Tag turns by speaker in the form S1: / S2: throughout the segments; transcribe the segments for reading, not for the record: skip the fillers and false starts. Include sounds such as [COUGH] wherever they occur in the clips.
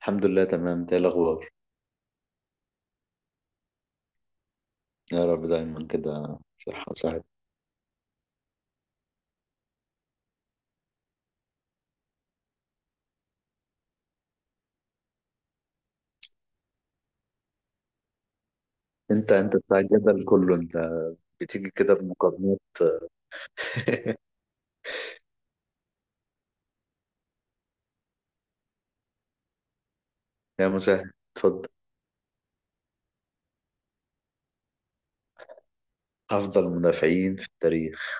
S1: الحمد لله تمام. إنت ايه الاخبار؟ يا رب دايما كده، صحة وسعادة. انت بتاع الجدل كله انت، بتيجي كده بمقارنات. يا مساعد اتفضل. افضل مدافعين في التاريخ،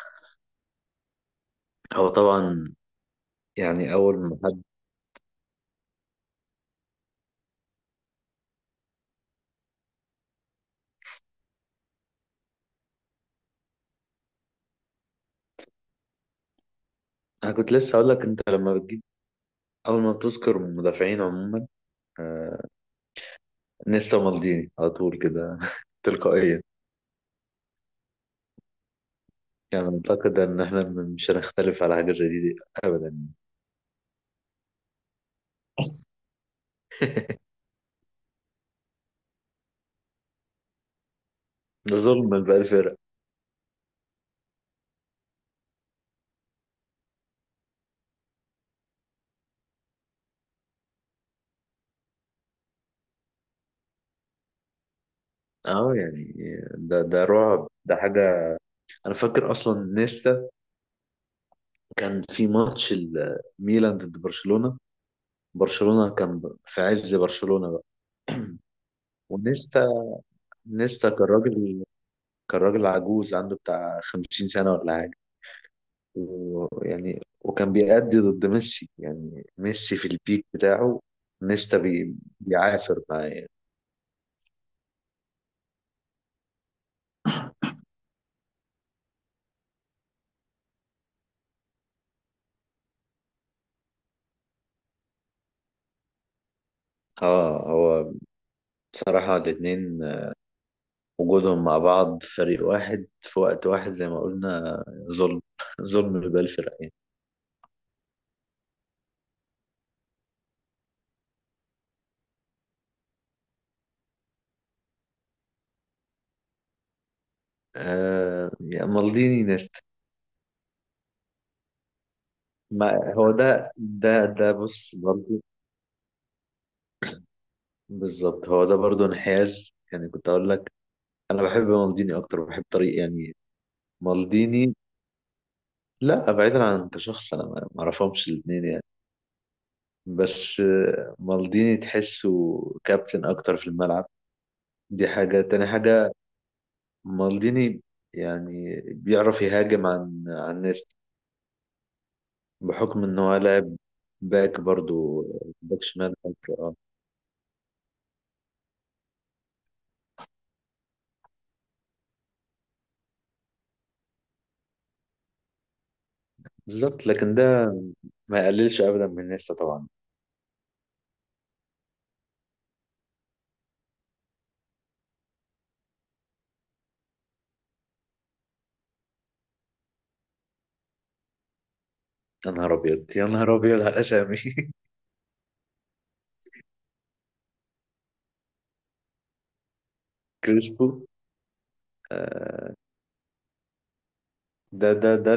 S1: هو طبعا يعني اول ما حد انا كنت لسه اقول لك، انت لما بتجيب اول ما بتذكر مدافعين عموما آه... نيستا مالديني على طول كده [LAUGHS] تلقائيا. يعني اعتقد ان احنا مش هنختلف على حاجه زي دي ابدا. ده ظلم لباقي الفرق. اه يعني ده رعب، ده حاجه. انا فاكر اصلا نيستا كان في ماتش الميلان ضد برشلونة، برشلونة كان في عز برشلونة بقى. ونيستا، كان راجل، كان راجل عجوز عنده بتاع 50 سنة ولا حاجة، ويعني وكان بيأدي ضد ميسي، يعني ميسي في البيك بتاعه. نيستا بي... بيعافر معاه يعني. اه هو، بصراحة الاتنين وجودهم مع بعض فريق واحد في وقت واحد زي ما قلنا ظلم، [LAUGHS] ظلم لباقي الفرق يعني. آه يعني مالديني. ما هو ده بص برضه، بالظبط هو ده برضه انحياز. يعني كنت اقول لك انا بحب مالديني اكتر، بحب طريق يعني مالديني. لا بعيدا عن كشخص، انا ما اعرفهمش الاثنين يعني، بس آه، مالديني تحسه كابتن اكتر في الملعب، دي حاجة تاني حاجة. مالديني يعني بيعرف يهاجم عن ناس بحكم ان هو لاعب باك برضه، باك شمال، باك اه. بالظبط، لكن ده ما يقللش ابدا من نيستا طبعا. يا نهار ابيض، يا نهار ابيض على الاسامي. [LAUGHS] كريسبو، ده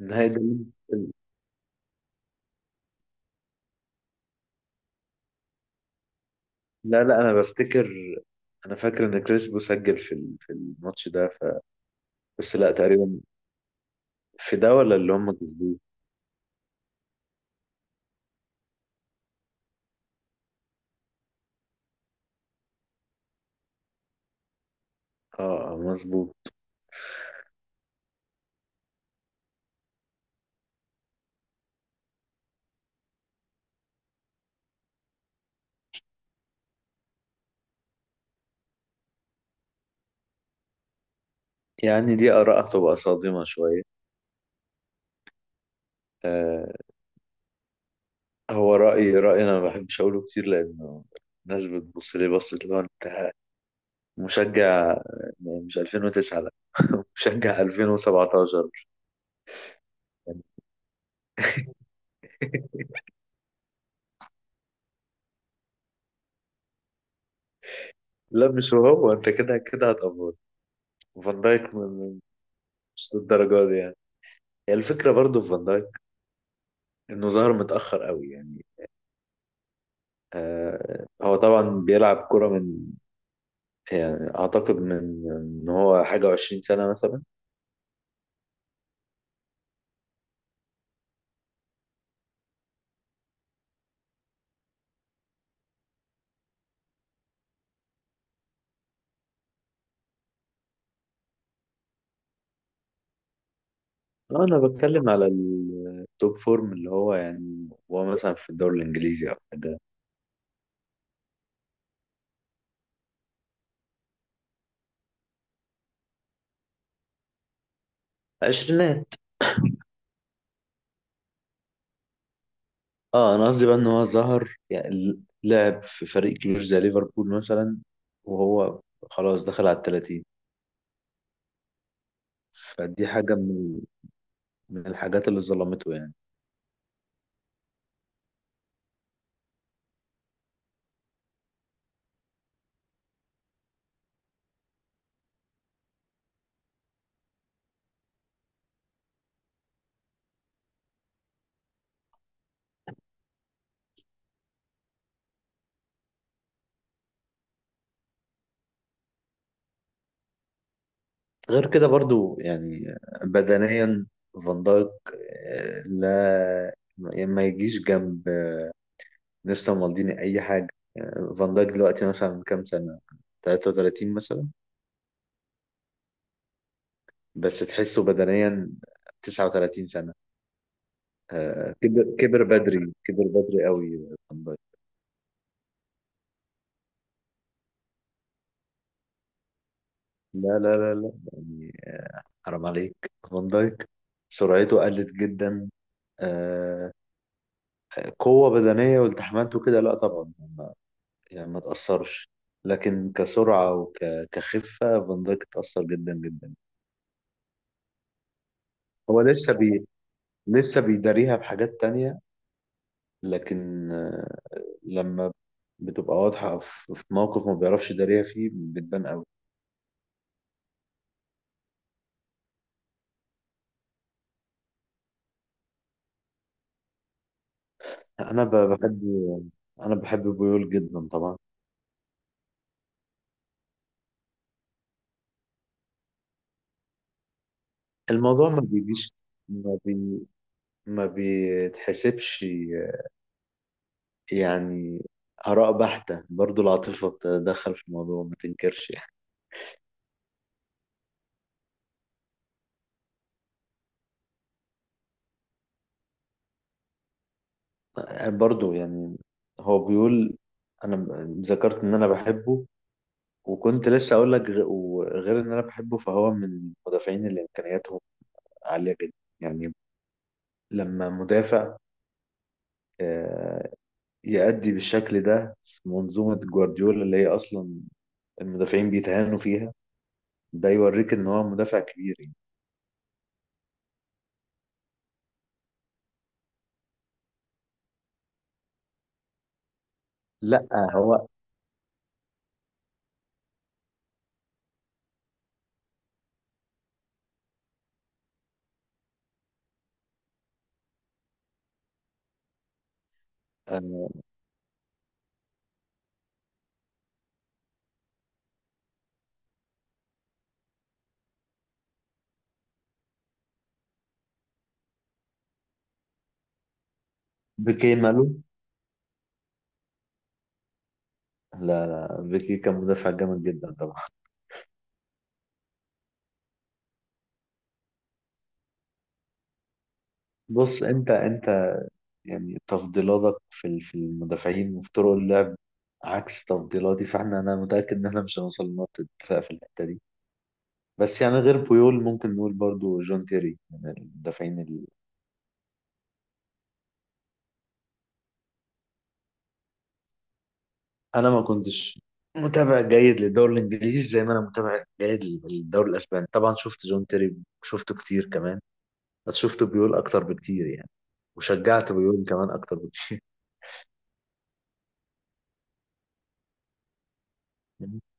S1: النهائي ده. لا لا، انا بفتكر، انا فاكر ان كريسبو سجل في في الماتش ده ف... بس لا تقريبا، في ده ولا اللي هم كسبوه. اه آه، مظبوط. يعني دي اراء هتبقى صادمه شويه. آه، هو رايي انا ما بحبش اقوله كتير لانه الناس بتبص لي، بصت اللي هو انت مشجع، يعني مش 2009، لا، [LAUGHS] مشجع 2017 يعني. لا مش هو، انت كده كده هتقفل. فان دايك م- م- مش للدرجه دي يعني. هي الفكره برضو في فان دايك انه ظهر متاخر قوي يعني. آه، هو طبعا بيلعب كرة من، يعني اعتقد من، ان هو حاجه وعشرين سنه مثلا. آه انا بتكلم على التوب فورم، اللي هو يعني هو مثلا في الدوري الانجليزي او حاجه، عشرينات. اه انا قصدي بقى ان هو ظهر، يعني لعب في فريق كبير زي ليفربول مثلا وهو خلاص دخل على التلاتين، فدي حاجه من من الحاجات اللي ظلمته يعني. غير كده برضو يعني بدنيا، فان دايك، آه، لا، يعني ما يجيش جنب نيستا مالديني اي حاجه. يعني فان دايك دلوقتي مثلا كام سنه؟ 33 مثلا؟ بس تحسه بدنيا 39 سنه. آه، كبر، كبر بدري، كبر بدري قوي فان دايك. لا يعني حرام عليك، فان دايك سرعته قلت جدا. آه، قوه بدنيه والتحامات وكده لا طبعا، يعني ما تأثرش، لكن كسرعة وكخفة فان دايك اتأثر جدا جدا. هو لسه بي لسه بيداريها بحاجات تانية، لكن آه، لما بتبقى واضحة في في موقف ما بيعرفش يداريها فيه بتبان قوي. بحب، أنا بحب بيول جدا طبعا. الموضوع ما بيجيش، ما بي ما بيتحسبش يعني، آراء بحتة برضو، العاطفة بتتدخل في الموضوع ما تنكرش يعني. برضو يعني هو بيقول، ذكرت ان انا بحبه، وكنت لسه اقول لك وغير ان انا بحبه، فهو من المدافعين اللي امكانياتهم عاليه جدا. يعني لما مدافع آه، يأدي بالشكل ده في منظومه جوارديولا اللي هي اصلا المدافعين بيتهانوا فيها، ده يوريك ان هو مدافع كبير يعني. لا هو آه، بيكي ماله؟ لا لا، بيكي كان مدافع جامد جدا طبعا. بص، انت يعني تفضيلاتك في في المدافعين وفي طرق اللعب عكس تفضيلاتي، فاحنا انا متأكد ان احنا مش هنوصل لنقطة اتفاق في الحتة دي. بس يعني غير بويول ممكن نقول برضو جون تيري من المدافعين اللي، انا ما كنتش متابع جيد للدوري الانجليزي زي ما انا متابع جيد للدوري الاسباني. طبعا شفت جون تيري، شفته كتير كمان، بس شفت بيول اكتر بكتير يعني، وشجعت بيول كمان اكتر بكتير. [LAUGHS]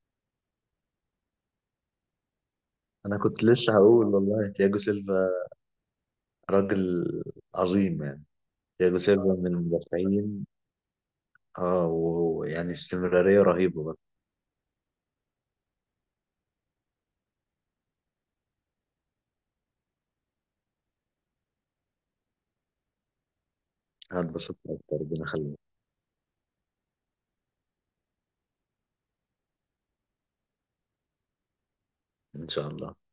S1: انا كنت لسه هقول والله تياجو سيلفا راجل عظيم يعني. تياجو سيلفا من المدافعين، اه، ويعني استمرارية رهيبة بقى. هتبسط أكتر ربنا يخليك. إن شاء الله.